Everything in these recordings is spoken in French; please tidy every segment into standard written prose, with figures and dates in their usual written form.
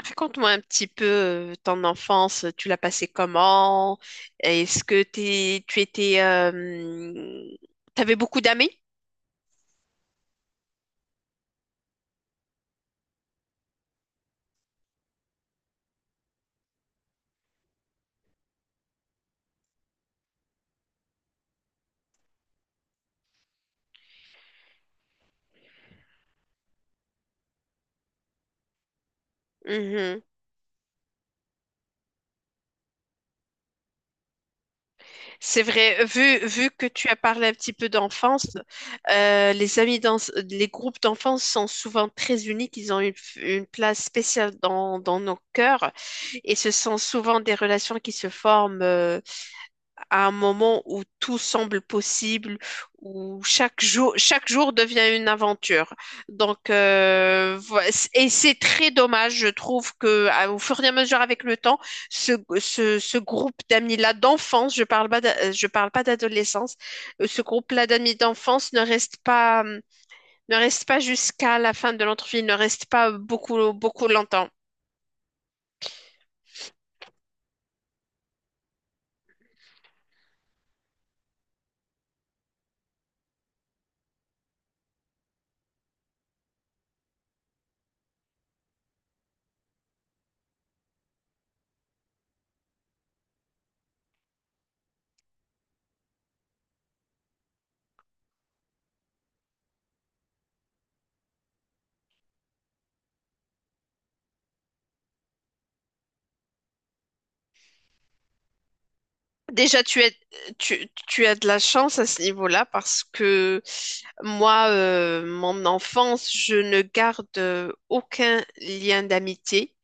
Raconte-moi un petit peu ton enfance, tu l'as passée comment? Est-ce que t'avais beaucoup d'amis? Mhm. C'est vrai, vu que tu as parlé un petit peu d'enfance, les amis les groupes d'enfance sont souvent très uniques, ils ont une place spéciale dans nos cœurs et ce sont souvent des relations qui se forment. À un moment où tout semble possible, où chaque jour devient une aventure. Donc, et c'est très dommage, je trouve que au fur et à mesure avec le temps, ce, ce groupe d'amis-là d'enfance, je parle pas, je parle pas d'adolescence, ce groupe-là d'amis d'enfance ne reste pas jusqu'à la fin de notre vie, ne reste pas beaucoup, beaucoup longtemps. Déjà, tu as de la chance à ce niveau-là parce que moi, mon enfance, je ne garde aucun lien d'amitié.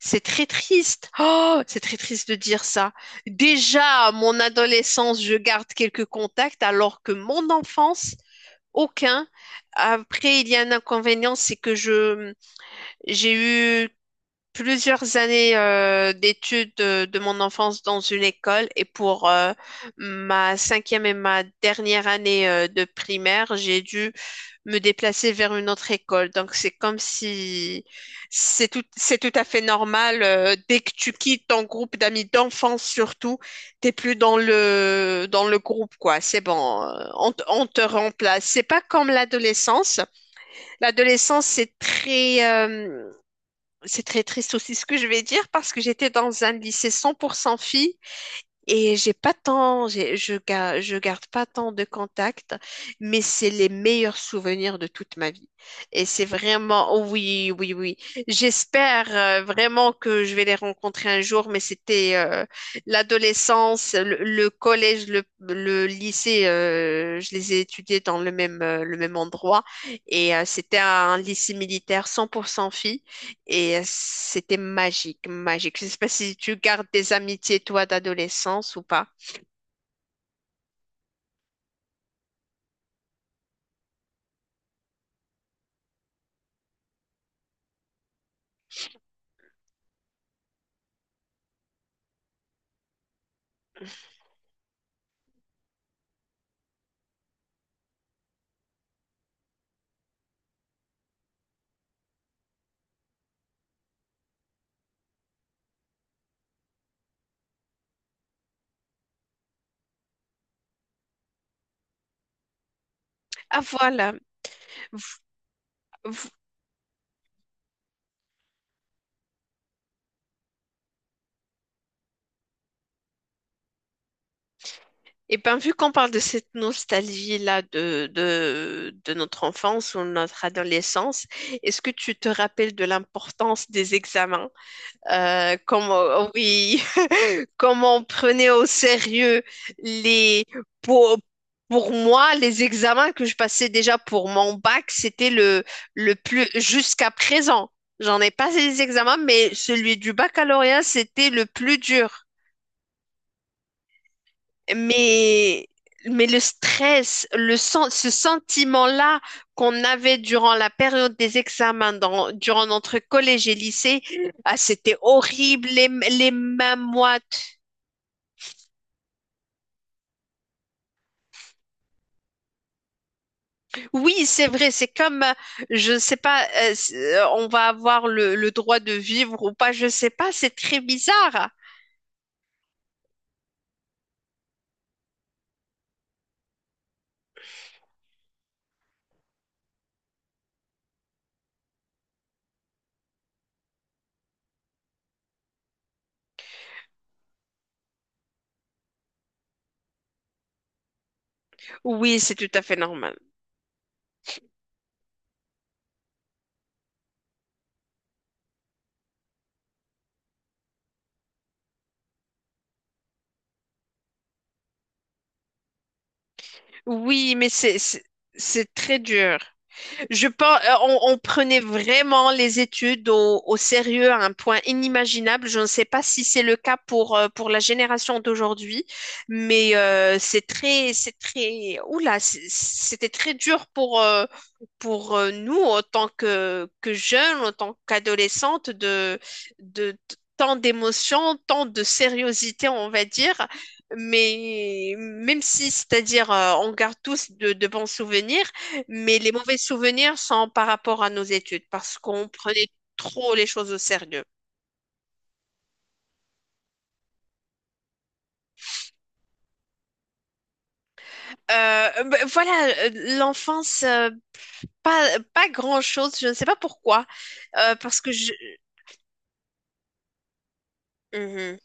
C'est très triste. Oh, c'est très triste de dire ça. Déjà, à mon adolescence, je garde quelques contacts alors que mon enfance, aucun. Après, il y a un inconvénient, c'est que j'ai eu plusieurs années d'études de mon enfance dans une école et pour ma cinquième et ma dernière année de primaire, j'ai dû me déplacer vers une autre école. Donc c'est comme si c'est tout à fait normal. Dès que tu quittes ton groupe d'amis d'enfance surtout, t'es plus dans le groupe quoi. C'est bon, on te remplace. C'est pas comme l'adolescence. L'adolescence c'est très triste aussi ce que je vais dire parce que j'étais dans un lycée 100% filles et j'ai pas tant, j'ai- je, ga- je garde pas tant de contacts, mais c'est les meilleurs souvenirs de toute ma vie. Et c'est vraiment, oh oui, oui, oui. J'espère vraiment que je vais les rencontrer un jour, mais c'était l'adolescence, le collège, le lycée, je les ai étudiés dans le même endroit et c'était un lycée militaire 100% filles. Et c'était magique, magique. Je ne sais pas si tu gardes des amitiés, toi, d'adolescence ou pas. Ah, voilà. Et bien, vu qu'on parle de cette nostalgie-là de notre enfance ou notre adolescence, est-ce que tu te rappelles de l'importance des examens? Oh, oui, comment on prenait au sérieux les pour, pour moi les examens que je passais déjà pour mon bac, c'était le plus jusqu'à présent. J'en ai passé des examens, mais celui du baccalauréat, c'était le plus dur. Mais mais le ce sentiment-là qu'on avait durant la période des examens, durant notre collège et lycée, ah, c'était horrible, les mains moites. Oui, c'est vrai. Je sais pas, on va avoir le droit de vivre ou pas. Je sais pas. C'est très bizarre. Oui, c'est tout à fait normal. Oui, mais c'est très dur. Je pense, on prenait vraiment les études au sérieux à un point inimaginable. Je ne sais pas si c'est le cas pour la génération d'aujourd'hui, mais c'était très dur pour nous, en tant que jeunes, en tant qu'adolescentes, de, tant d'émotions, tant de sériosité, on va dire. Mais même si, c'est-à-dire, on garde tous de bons souvenirs, mais les mauvais souvenirs sont par rapport à nos études, parce qu'on prenait trop les choses au sérieux. Voilà, l'enfance, pas, pas grand-chose, je ne sais pas pourquoi, parce que je... euh,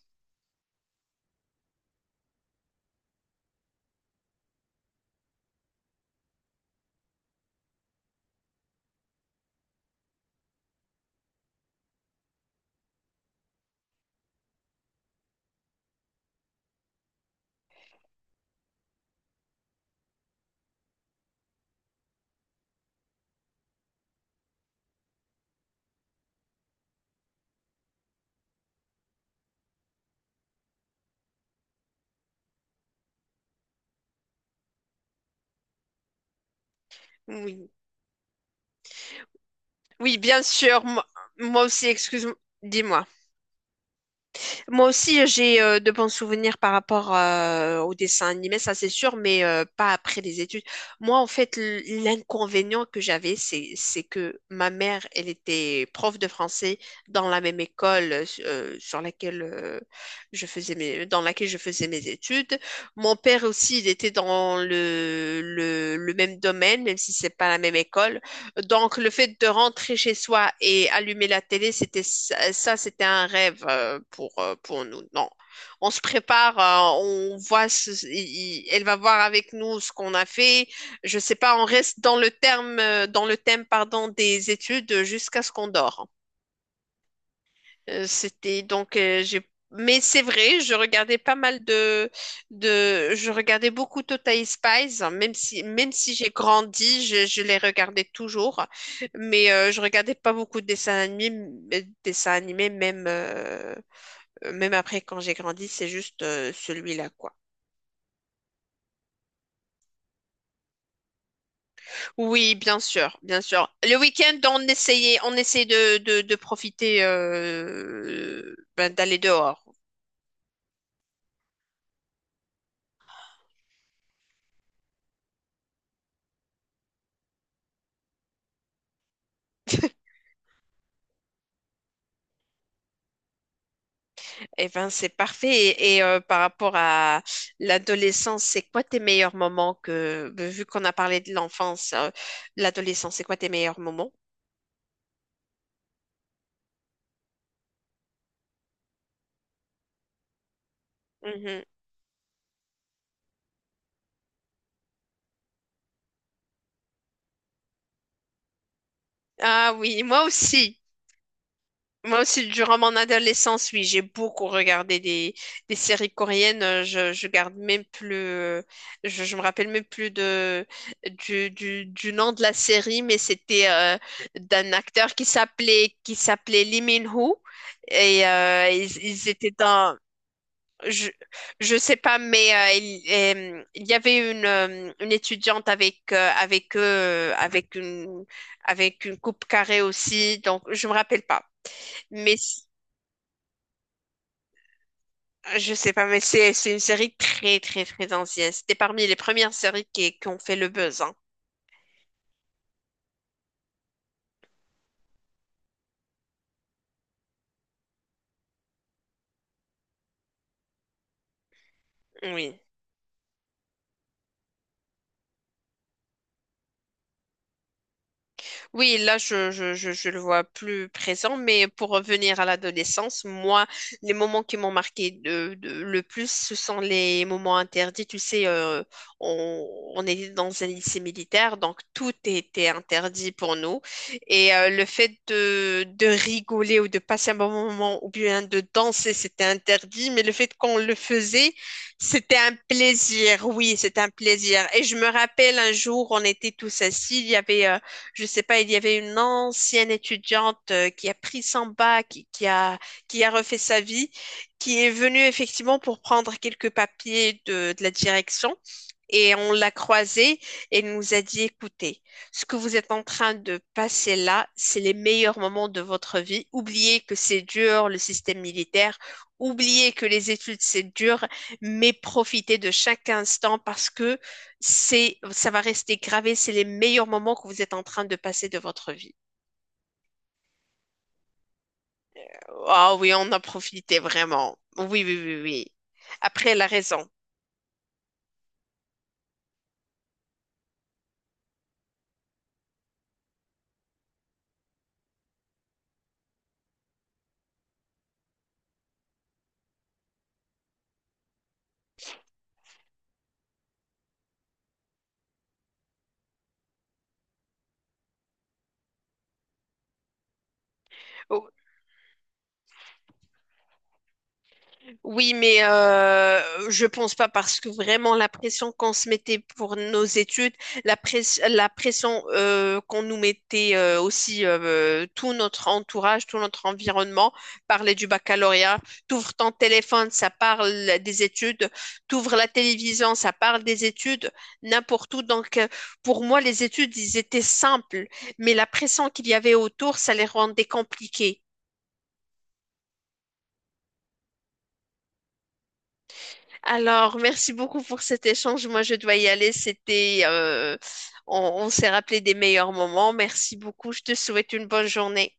Mhm. Oui. Oui, bien sûr, moi aussi, excuse-moi, dis-moi. Moi aussi, j'ai de bons souvenirs par rapport au dessin animé, ça c'est sûr, mais pas après les études. Moi, en fait, l'inconvénient que j'avais, c'est que ma mère, elle était prof de français dans la même école sur laquelle je faisais mes, dans laquelle je faisais mes études. Mon père aussi, il était dans le même domaine, même si c'est pas la même école. Donc, le fait de rentrer chez soi et allumer la télé, c'était c'était un rêve pour nous. Non, on se prépare, on voit, elle va voir avec nous ce qu'on a fait. Je sais pas, on reste dans le terme, dans le thème, pardon, des études jusqu'à ce qu'on dort. C'était donc j'ai mais c'est vrai, je regardais pas mal de je regardais beaucoup Total Spies, hein, même si j'ai grandi, je les regardais toujours, mais je regardais pas beaucoup de dessins animés, dessins animés même même après quand j'ai grandi, c'est juste celui-là quoi. Oui, bien sûr, bien sûr. Le week-end, on essayait de profiter ben, d'aller dehors. Eh ben, c'est parfait. Par rapport à l'adolescence, c'est quoi tes meilleurs moments que, vu qu'on a parlé de l'enfance, l'adolescence, c'est quoi tes meilleurs moments? Mhm. Ah oui, moi aussi. Moi aussi, durant mon adolescence, oui, j'ai beaucoup regardé des séries coréennes. Je garde même plus, je me rappelle même plus du nom de la série, mais c'était d'un acteur qui s'appelait Lee Min-ho et ils étaient dans, je, je sais pas, mais il y avait une étudiante avec avec eux, avec une coupe carrée aussi, donc je me rappelle pas. Mais je sais pas, mais c'est une série très très très ancienne. C'était parmi les premières séries qui ont fait le buzz, hein. Oui. Oui, là, je le vois plus présent, mais pour revenir à l'adolescence, moi, les moments qui m'ont marqué le plus, ce sont les moments interdits. Tu sais, on, on était dans un lycée militaire, donc tout était interdit pour nous. Et le fait de rigoler ou de passer un bon moment ou bien de danser, c'était interdit, mais le fait qu'on le faisait, c'était un plaisir. Oui, c'était un plaisir. Et je me rappelle un jour, on était tous assis, il y avait... je sais pas, il y avait une ancienne étudiante qui a pris son bac, qui a refait sa vie, qui est venue effectivement pour prendre quelques papiers de la direction et on l'a croisée et elle nous a dit, écoutez, ce que vous êtes en train de passer là, c'est les meilleurs moments de votre vie. Oubliez que c'est dur, le système militaire. Oubliez que les études, c'est dur, mais profitez de chaque instant parce que ça va rester gravé. C'est les meilleurs moments que vous êtes en train de passer de votre vie. Ah oui, on a profité vraiment. Oui, oui, oui, oui. Après, elle a raison. Oui, mais je pense pas parce que vraiment la pression qu'on se mettait pour nos études, la pression qu'on nous mettait aussi tout notre entourage, tout notre environnement, parler du baccalauréat, t'ouvres ton téléphone, ça parle des études, t'ouvres la télévision, ça parle des études, n'importe où. Donc pour moi, les études, ils étaient simples, mais la pression qu'il y avait autour, ça les rendait compliquées. Alors, merci beaucoup pour cet échange. Moi, je dois y aller. C'était, on on s'est rappelé des meilleurs moments. Merci beaucoup. Je te souhaite une bonne journée.